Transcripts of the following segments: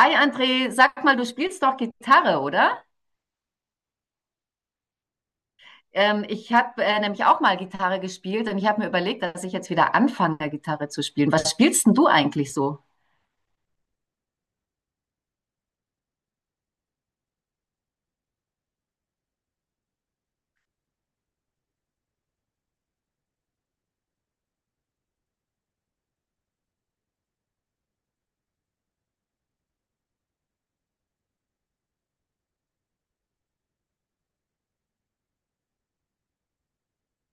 Hi André, sag mal, du spielst doch Gitarre, oder? Ich habe nämlich auch mal Gitarre gespielt und ich habe mir überlegt, dass ich jetzt wieder anfange, Gitarre zu spielen. Was spielst denn du eigentlich so?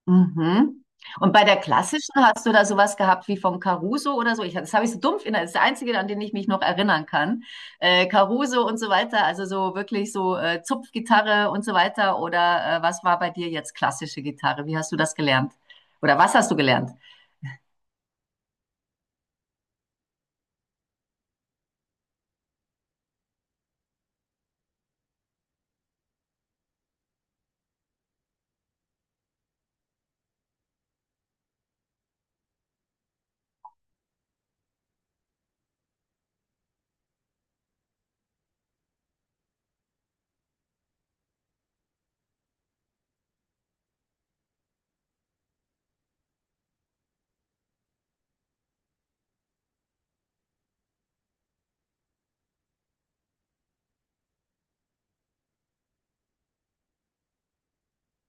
Mhm. Und bei der klassischen hast du da sowas gehabt wie vom Caruso oder so? Das habe ich so dumpf das ist der einzige, an den ich mich noch erinnern kann. Caruso und so weiter, also so wirklich so Zupfgitarre und so weiter. Oder was war bei dir jetzt klassische Gitarre? Wie hast du das gelernt? Oder was hast du gelernt?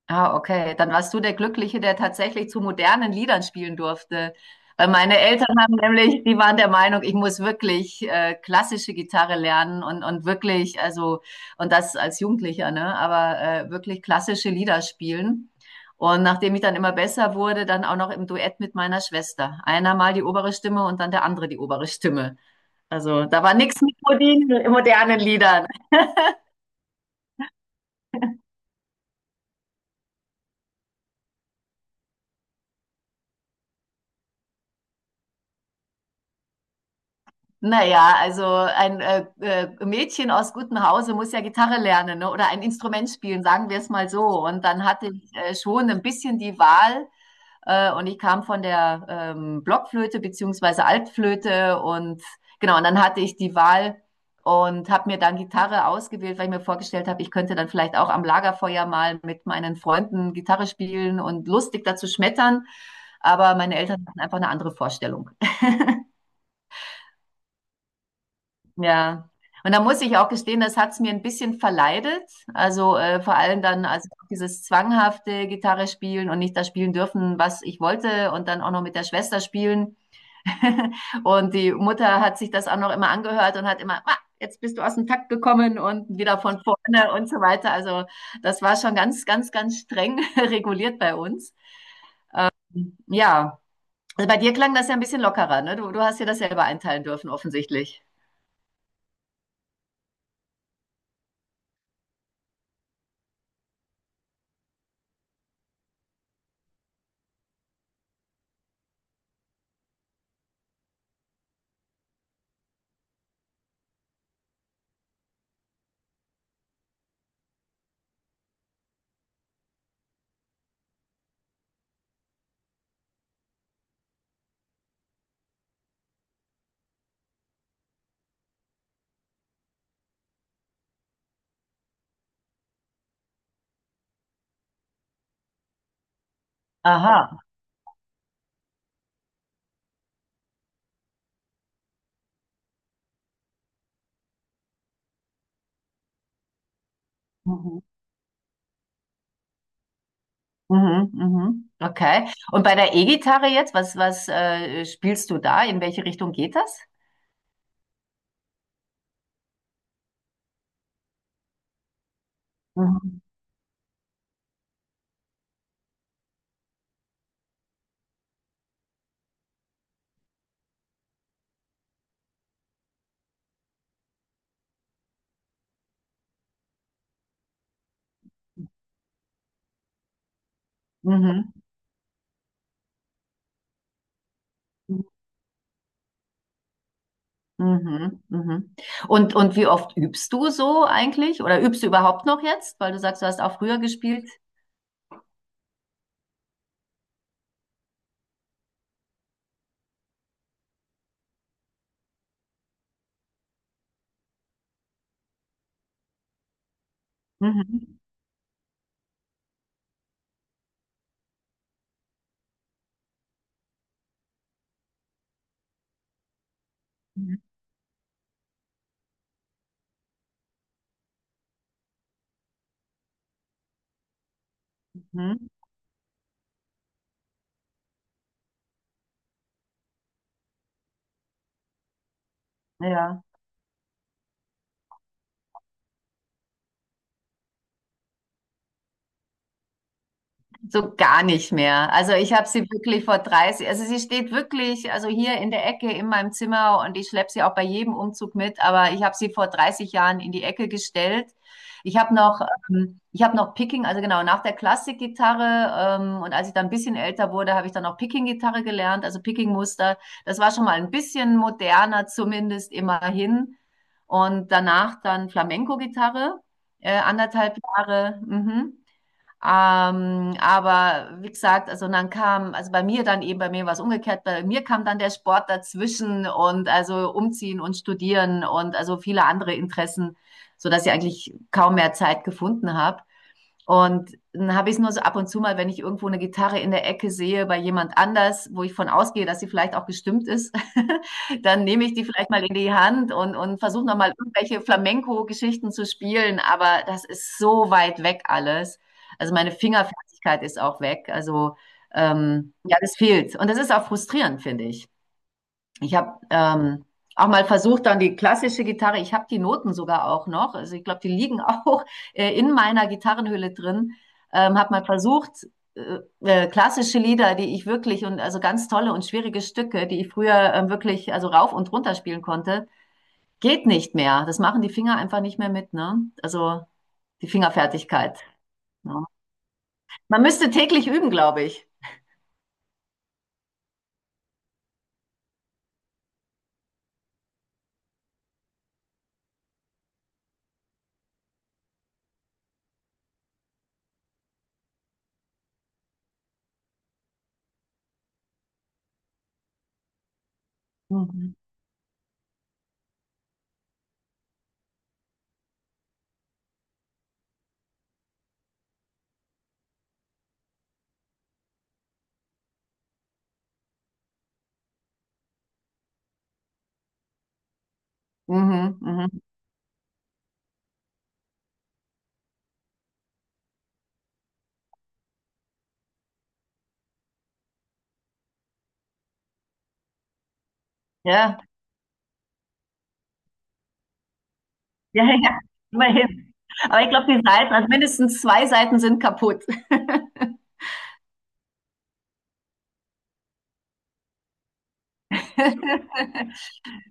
Ah, okay. Dann warst du der Glückliche, der tatsächlich zu modernen Liedern spielen durfte. Weil meine Eltern haben nämlich, die waren der Meinung, ich muss wirklich klassische Gitarre lernen und wirklich, also, und das als Jugendlicher, ne? Aber wirklich klassische Lieder spielen. Und nachdem ich dann immer besser wurde, dann auch noch im Duett mit meiner Schwester. Einer mal die obere Stimme und dann der andere die obere Stimme. Also da war nichts mit modernen Liedern. Naja, also ein Mädchen aus gutem Hause muss ja Gitarre lernen, ne? Oder ein Instrument spielen, sagen wir es mal so. Und dann hatte ich schon ein bisschen die Wahl und ich kam von der Blockflöte beziehungsweise Altflöte und genau, und dann hatte ich die Wahl und habe mir dann Gitarre ausgewählt, weil ich mir vorgestellt habe, ich könnte dann vielleicht auch am Lagerfeuer mal mit meinen Freunden Gitarre spielen und lustig dazu schmettern. Aber meine Eltern hatten einfach eine andere Vorstellung. Ja. Und da muss ich auch gestehen, das hat's mir ein bisschen verleidet. Also vor allem dann, also dieses zwanghafte Gitarre spielen und nicht das spielen dürfen, was ich wollte, und dann auch noch mit der Schwester spielen. Und die Mutter hat sich das auch noch immer angehört und hat immer, ah, jetzt bist du aus dem Takt gekommen und wieder von vorne und so weiter. Also das war schon ganz, ganz, ganz streng reguliert bei uns. Ja, also bei dir klang das ja ein bisschen lockerer, ne? Du hast dir das selber einteilen dürfen, offensichtlich. Aha. Mhm, mhm. Okay. Und bei der E-Gitarre jetzt, was spielst du da? In welche Richtung geht das? Mhm. Mhm. Mhm. Mhm. Und wie oft übst du so eigentlich? Oder übst du überhaupt noch jetzt? Weil du sagst, du hast auch früher gespielt. Mhm. Mhm. Ja. So gar nicht mehr. Also ich habe sie wirklich vor 30, also sie steht wirklich, also hier in der Ecke in meinem Zimmer und ich schleppe sie auch bei jedem Umzug mit, aber ich habe sie vor 30 Jahren in die Ecke gestellt. Ich habe noch, ich habe noch Picking, also genau, nach der Klassikgitarre und als ich dann ein bisschen älter wurde, habe ich dann auch Picking-Gitarre gelernt, also Picking-Muster. Das war schon mal ein bisschen moderner zumindest immerhin. Und danach dann Flamenco-Gitarre, anderthalb Jahre. Mhm. Aber wie gesagt, also dann kam, also bei mir dann eben, bei mir war es umgekehrt, bei mir kam dann der Sport dazwischen und also umziehen und studieren und also viele andere Interessen, so dass ich eigentlich kaum mehr Zeit gefunden habe. Und dann habe ich es nur so ab und zu mal, wenn ich irgendwo eine Gitarre in der Ecke sehe bei jemand anders, wo ich von ausgehe, dass sie vielleicht auch gestimmt ist, dann nehme ich die vielleicht mal in die Hand und versuche nochmal irgendwelche Flamenco-Geschichten zu spielen. Aber das ist so weit weg alles. Also meine Fingerfertigkeit ist auch weg. Also ja, das fehlt. Und das ist auch frustrierend, finde ich. Ich habe auch mal versucht, dann die klassische Gitarre, ich habe die Noten sogar auch noch, also ich glaube, die liegen auch in meiner Gitarrenhülle drin, habe mal versucht, klassische Lieder, die ich wirklich und also ganz tolle und schwierige Stücke, die ich früher wirklich also rauf und runter spielen konnte, geht nicht mehr. Das machen die Finger einfach nicht mehr mit, ne? Also die Fingerfertigkeit. Ne? Man müsste täglich üben, glaube ich. Mhm. Mhm, mhm. Ja. Ja, ja, immerhin. Aber ich glaube, die Seiten, also mindestens zwei Seiten sind kaputt.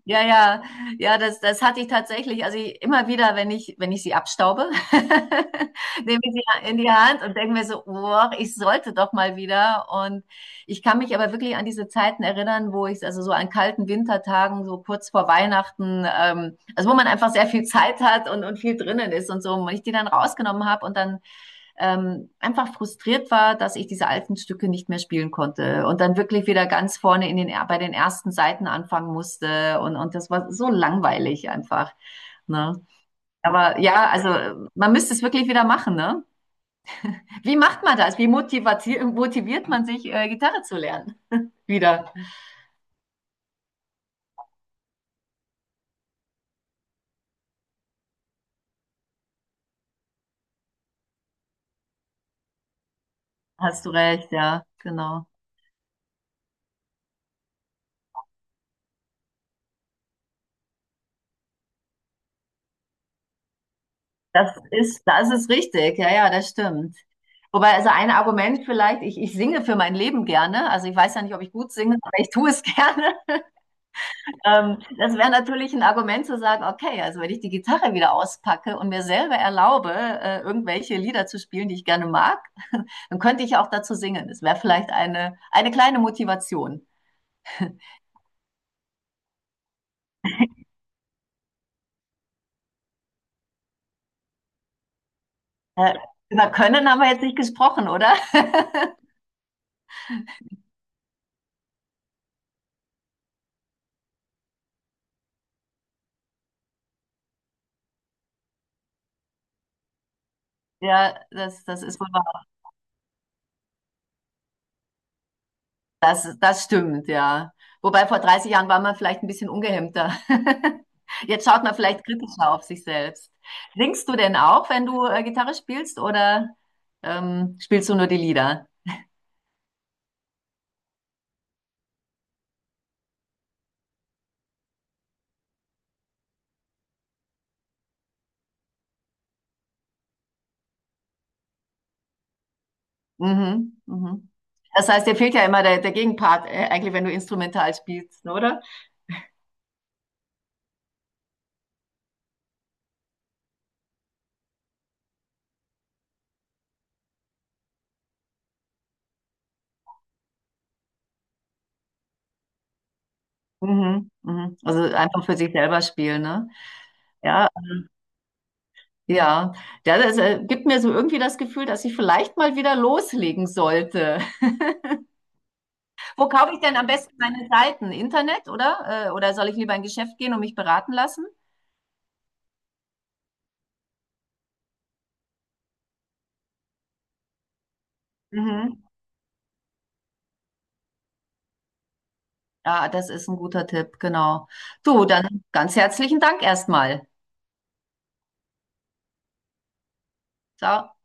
Ja, ja, ja, das hatte ich tatsächlich. Also ich, immer wieder, wenn ich sie abstaube, nehme ich sie in die Hand und denke mir so, boah, ich sollte doch mal wieder. Und ich kann mich aber wirklich an diese Zeiten erinnern, wo ich, also so an kalten Wintertagen, so kurz vor Weihnachten, also wo man einfach sehr viel Zeit hat und viel drinnen ist und so, und ich die dann rausgenommen habe und dann einfach frustriert war, dass ich diese alten Stücke nicht mehr spielen konnte und dann wirklich wieder ganz vorne in den, bei den ersten Seiten anfangen musste und das war so langweilig einfach. Ne? Aber ja, also man müsste es wirklich wieder machen. Ne? Wie macht man das? Wie motiviert man sich, Gitarre zu lernen? Wieder. Hast du recht, ja, genau. Das ist richtig. Ja, ja, das stimmt. Wobei, also ein Argument vielleicht, ich singe für mein Leben gerne. Also ich weiß ja nicht, ob ich gut singe, aber ich tue es gerne. Das wäre natürlich ein Argument zu sagen, okay, also wenn ich die Gitarre wieder auspacke und mir selber erlaube, irgendwelche Lieder zu spielen, die ich gerne mag, dann könnte ich ja auch dazu singen. Das wäre vielleicht eine kleine Motivation. Äh, über Können haben wir jetzt nicht gesprochen, oder? Ja, das ist wohl wahr. Das stimmt, ja. Wobei vor 30 Jahren war man vielleicht ein bisschen ungehemmter. Jetzt schaut man vielleicht kritischer auf sich selbst. Singst du denn auch, wenn du Gitarre spielst, oder spielst du nur die Lieder? Mhm, mhm. Das heißt, dir fehlt ja immer der Gegenpart, eigentlich, wenn du instrumental spielst, ne, oder? Mhm, mhm. Also einfach für sich selber spielen, ne? Ja, ja. Ja, das gibt mir so irgendwie das Gefühl, dass ich vielleicht mal wieder loslegen sollte. Wo kaufe ich denn am besten meine Seiten? Internet, oder? Oder soll ich lieber in ein Geschäft gehen und mich beraten lassen? Mhm. Ja, das ist ein guter Tipp, genau. Du, dann ganz herzlichen Dank erstmal. Ciao.